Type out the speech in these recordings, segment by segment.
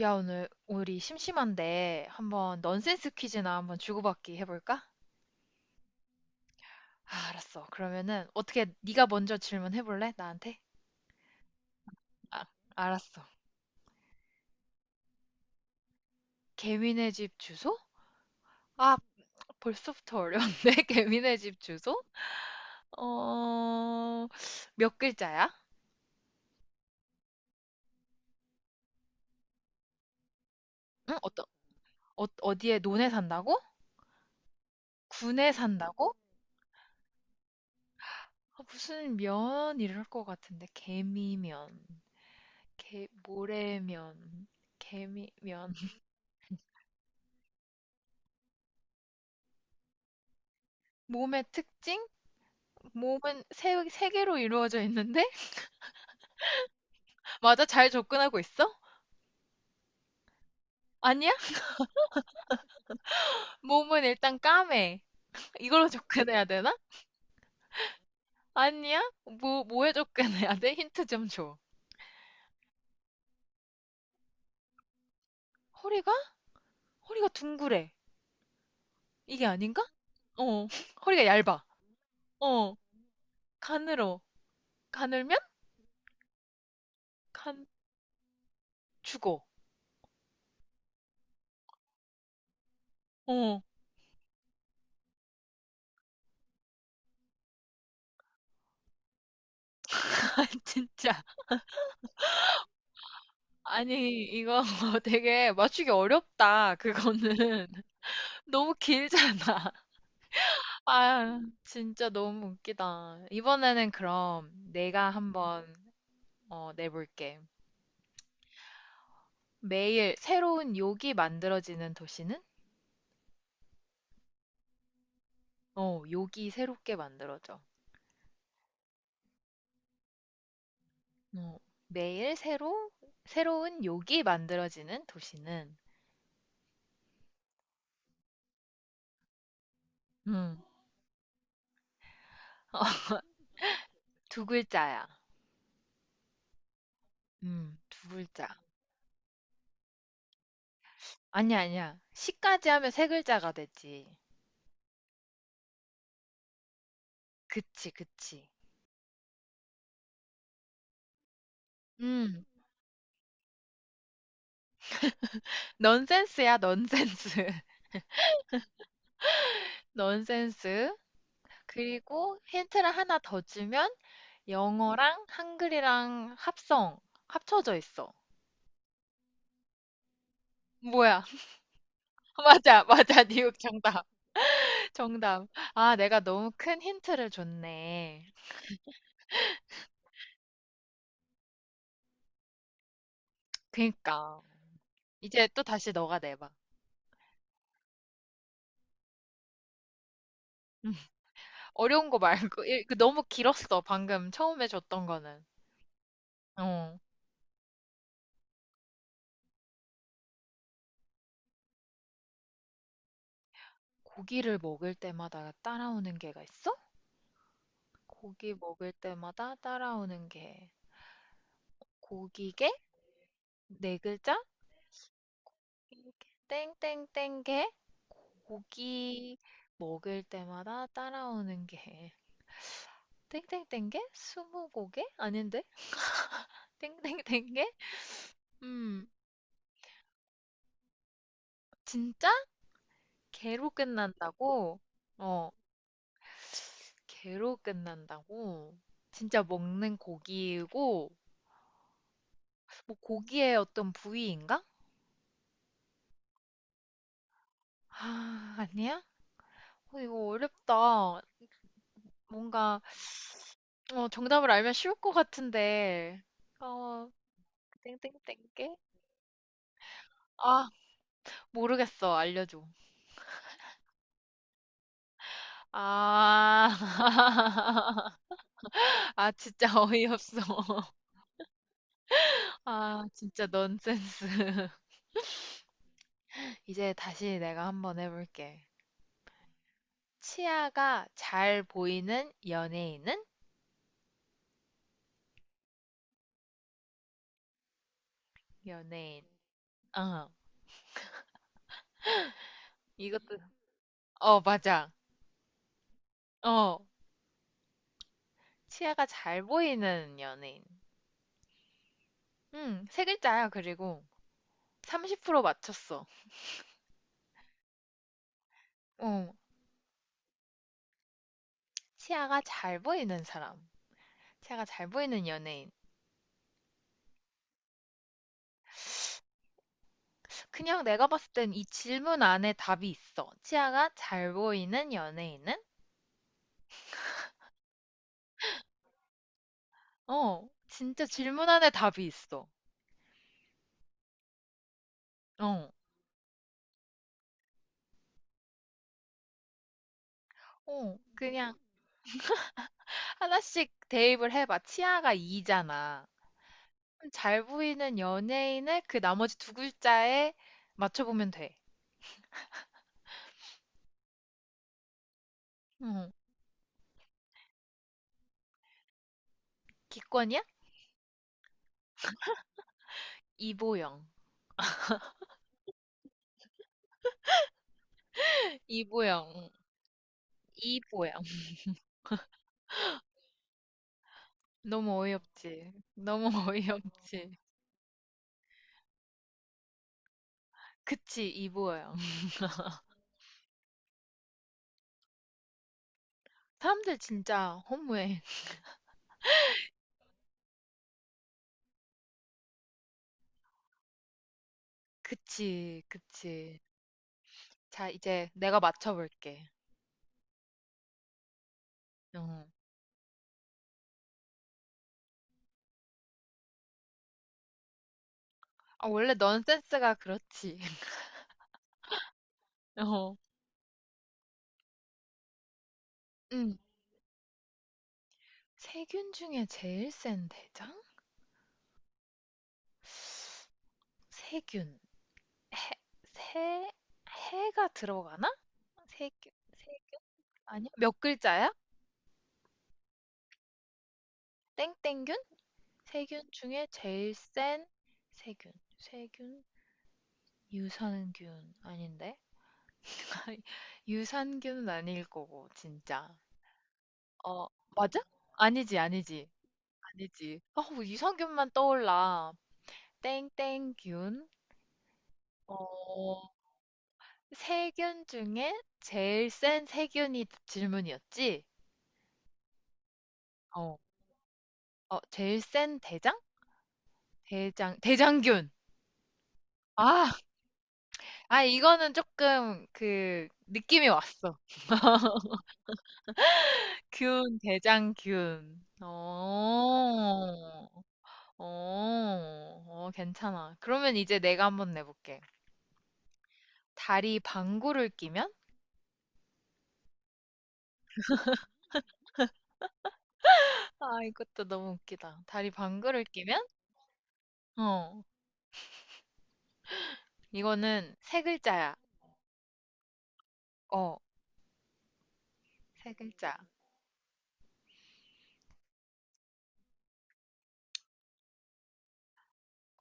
야, 오늘 우리 심심한데 한번 넌센스 퀴즈나 한번 주고받기 해볼까? 아, 알았어. 그러면은 어떻게 네가 먼저 질문해볼래? 나한테? 아, 알았어. 개미네 집 주소? 아, 벌써부터 어려운데? 개미네 집 주소? 어, 몇 글자야? 응? 어떤, 어, 어디에 논에 산다고? 군에 산다고? 아, 무슨 면 이럴 것 같은데. 개미면, 개, 모래면, 개미면. 몸의 특징? 몸은 세 개로 이루어져 있는데? 맞아, 잘 접근하고 있어? 아니야? 몸은 일단 까매. 이걸로 접근해야 되나? 아니야? 뭐에 접근해야 돼? 힌트 좀 줘. 허리가? 허리가 둥그래. 이게 아닌가? 어, 허리가 얇아. 어, 가늘어. 가늘면? 간, 죽어. 어, 아, 진짜. 아니, 이거 되게 맞추기 어렵다, 그거는. 너무 길잖아. 아, 진짜 너무 웃기다. 이번에는 그럼 내가 한번 어, 내볼게. 매일 새로운 욕이 만들어지는 도시는? 어, 욕이 새롭게 만들어져. 어, 매일 새로, 새로운 욕이 만들어지는 도시는? 음, 두 글자야. 두 글자. 아니야, 아니야. 시까지 하면 세 글자가 되지. 그치, 그치. 음, 넌센스야, 넌센스. 넌센스. 그리고 힌트를 하나 더 주면 영어랑 한글이랑 합성, 합쳐져 있어. 뭐야? 맞아, 맞아. 뉴욕 정답. 정답. 아, 내가 너무 큰 힌트를 줬네. 그니까. 이제 또 다시 너가 내봐. 음, 어려운 거 말고. 그 너무 길었어. 방금 처음에 줬던 거는. 어. 고기를 먹을 때마다 따라오는 게가 있어? 고기 먹을 때마다 따라오는 게. 고기게? 네 글자? 땡땡땡 게 고기 먹을 때마다 따라오는 게 땡땡땡 게 스무고개 아닌데 땡땡땡 게 음, 진짜 개로 끝난다고? 어, 개로 끝난다고? 진짜 먹는 고기이고 뭐 고기의 어떤 부위인가? 아, 아니야? 어, 이거 어렵다. 뭔가 어, 정답을 알면 쉬울 것 같은데. 어, 땡땡땡 게? 아, 모르겠어. 알려줘. 아, 아, 진짜 어이없어. 아, 진짜 넌센스. 이제 다시 내가 한번 해볼게. 치아가 잘 보이는 연예인은? 연예인. 어, 이것도, 어, 맞아. 어, 치아가 잘 보이는 연예인. 응, 세 글자야, 그리고. 30% 맞췄어. 어, 치아가 잘 보이는 사람. 치아가 잘 보이는 연예인. 그냥 내가 봤을 땐 이 질문 안에 답이 있어. 치아가 잘 보이는 연예인은? 어, 진짜 질문 안에 답이 있어. 어, 어, 그냥 하나씩 대입을 해봐. 치아가 이잖아. 그럼 잘 보이는 연예인을 그 나머지 두 글자에 맞춰보면 돼. 응, 기권이야? 이보영. 이보영. 이보영. 너무 어이없지. 너무 어이없지. 그치, 이보영. 사람들 진짜 허무해. 그치, 그치. 자, 이제 내가 맞춰볼게. 어. 아, 원래 넌 센스가 그렇지. 어. 음. 세균 중에 제일 센 대장? 세균. 해, 세, 해가 들어가나? 세균, 세, 아니야? 몇 글자야? 땡땡균? 세균 중에 제일 센 세균. 세균? 유산균 아닌데? 유산균은 아닐 거고, 진짜. 어, 맞아? 아니지, 아니지. 아니지. 아, 유 유산균만 떠올라. 땡땡균, 어, 세균 중에 제일 센 세균이 질문이었지? 어, 어, 제일 센 대장? 대장, 대장균. 아, 아, 이거는 조금 그 느낌이 왔어. 균, 대장균. 어, 어, 어, 괜찮아. 그러면 이제 내가 한번 내볼게. 다리 방구를 끼면? 아, 이것도 너무 웃기다. 다리 방구를 끼면? 어, 이거는 세 글자야. 어. 세 글자.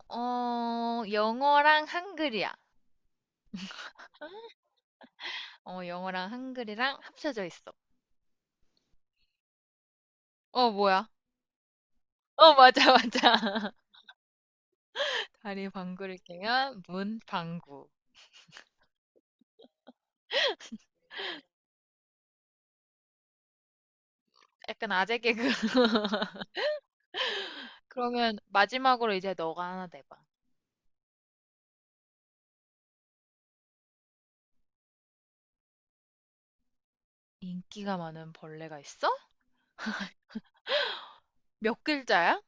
어, 영어랑 한글이야. 어, 영어랑 한글이랑 합쳐져 있어. 어, 뭐야? 어, 맞아, 맞아. 다리 방구를 끼면 문 방구. 약간 아재 개그. 그러면 마지막으로 이제 너가 하나 내봐. 인기가 많은 벌레가 있어? 몇 글자야?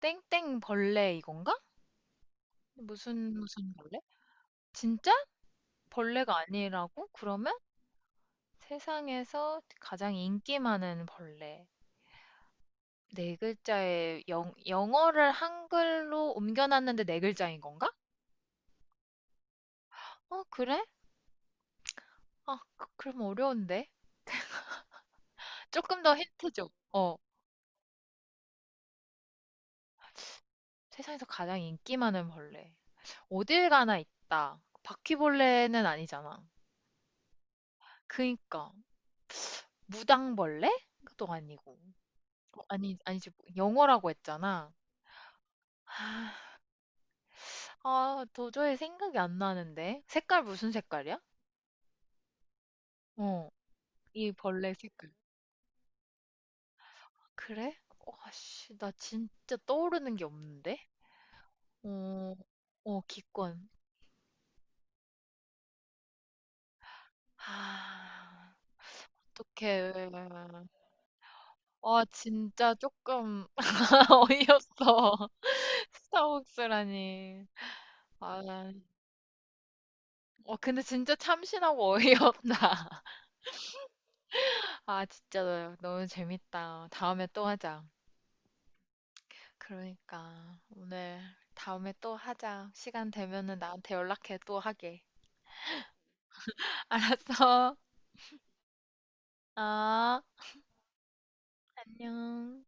땡땡 벌레 이건가? 무슨 무슨 벌레? 진짜? 벌레가 아니라고? 그러면 세상에서 가장 인기 많은 벌레. 네 글자의 영 영어를 한글로 옮겨놨는데 네 글자인 건가? 어 그래? 아 그럼 어려운데. 조금 더 힌트 줘. 어. 세상에서 가장 인기 많은 벌레. 어딜 가나 있다. 바퀴벌레는 아니잖아. 그니까. 무당벌레? 그것도 아니고. 어 아니 아니지. 영어라고 했잖아. 아 아, 도저히 생각이 안 나는데. 색깔 무슨 색깔이야? 어. 이 벌레 색깔. 그래? 와, 씨, 나 진짜 떠오르는 게 없는데? 어, 어, 기권. 아, 어떡해. 와, 진짜 조금 어이없어. 스타벅스라니. 아, 어, 근데 진짜 참신하고 어이없다. 아, 진짜 너무 재밌다. 다음에 또 하자. 그러니까, 오늘 다음에 또 하자. 시간 되면은 나한테 연락해, 또 하게. 알았어. 아, 안녕.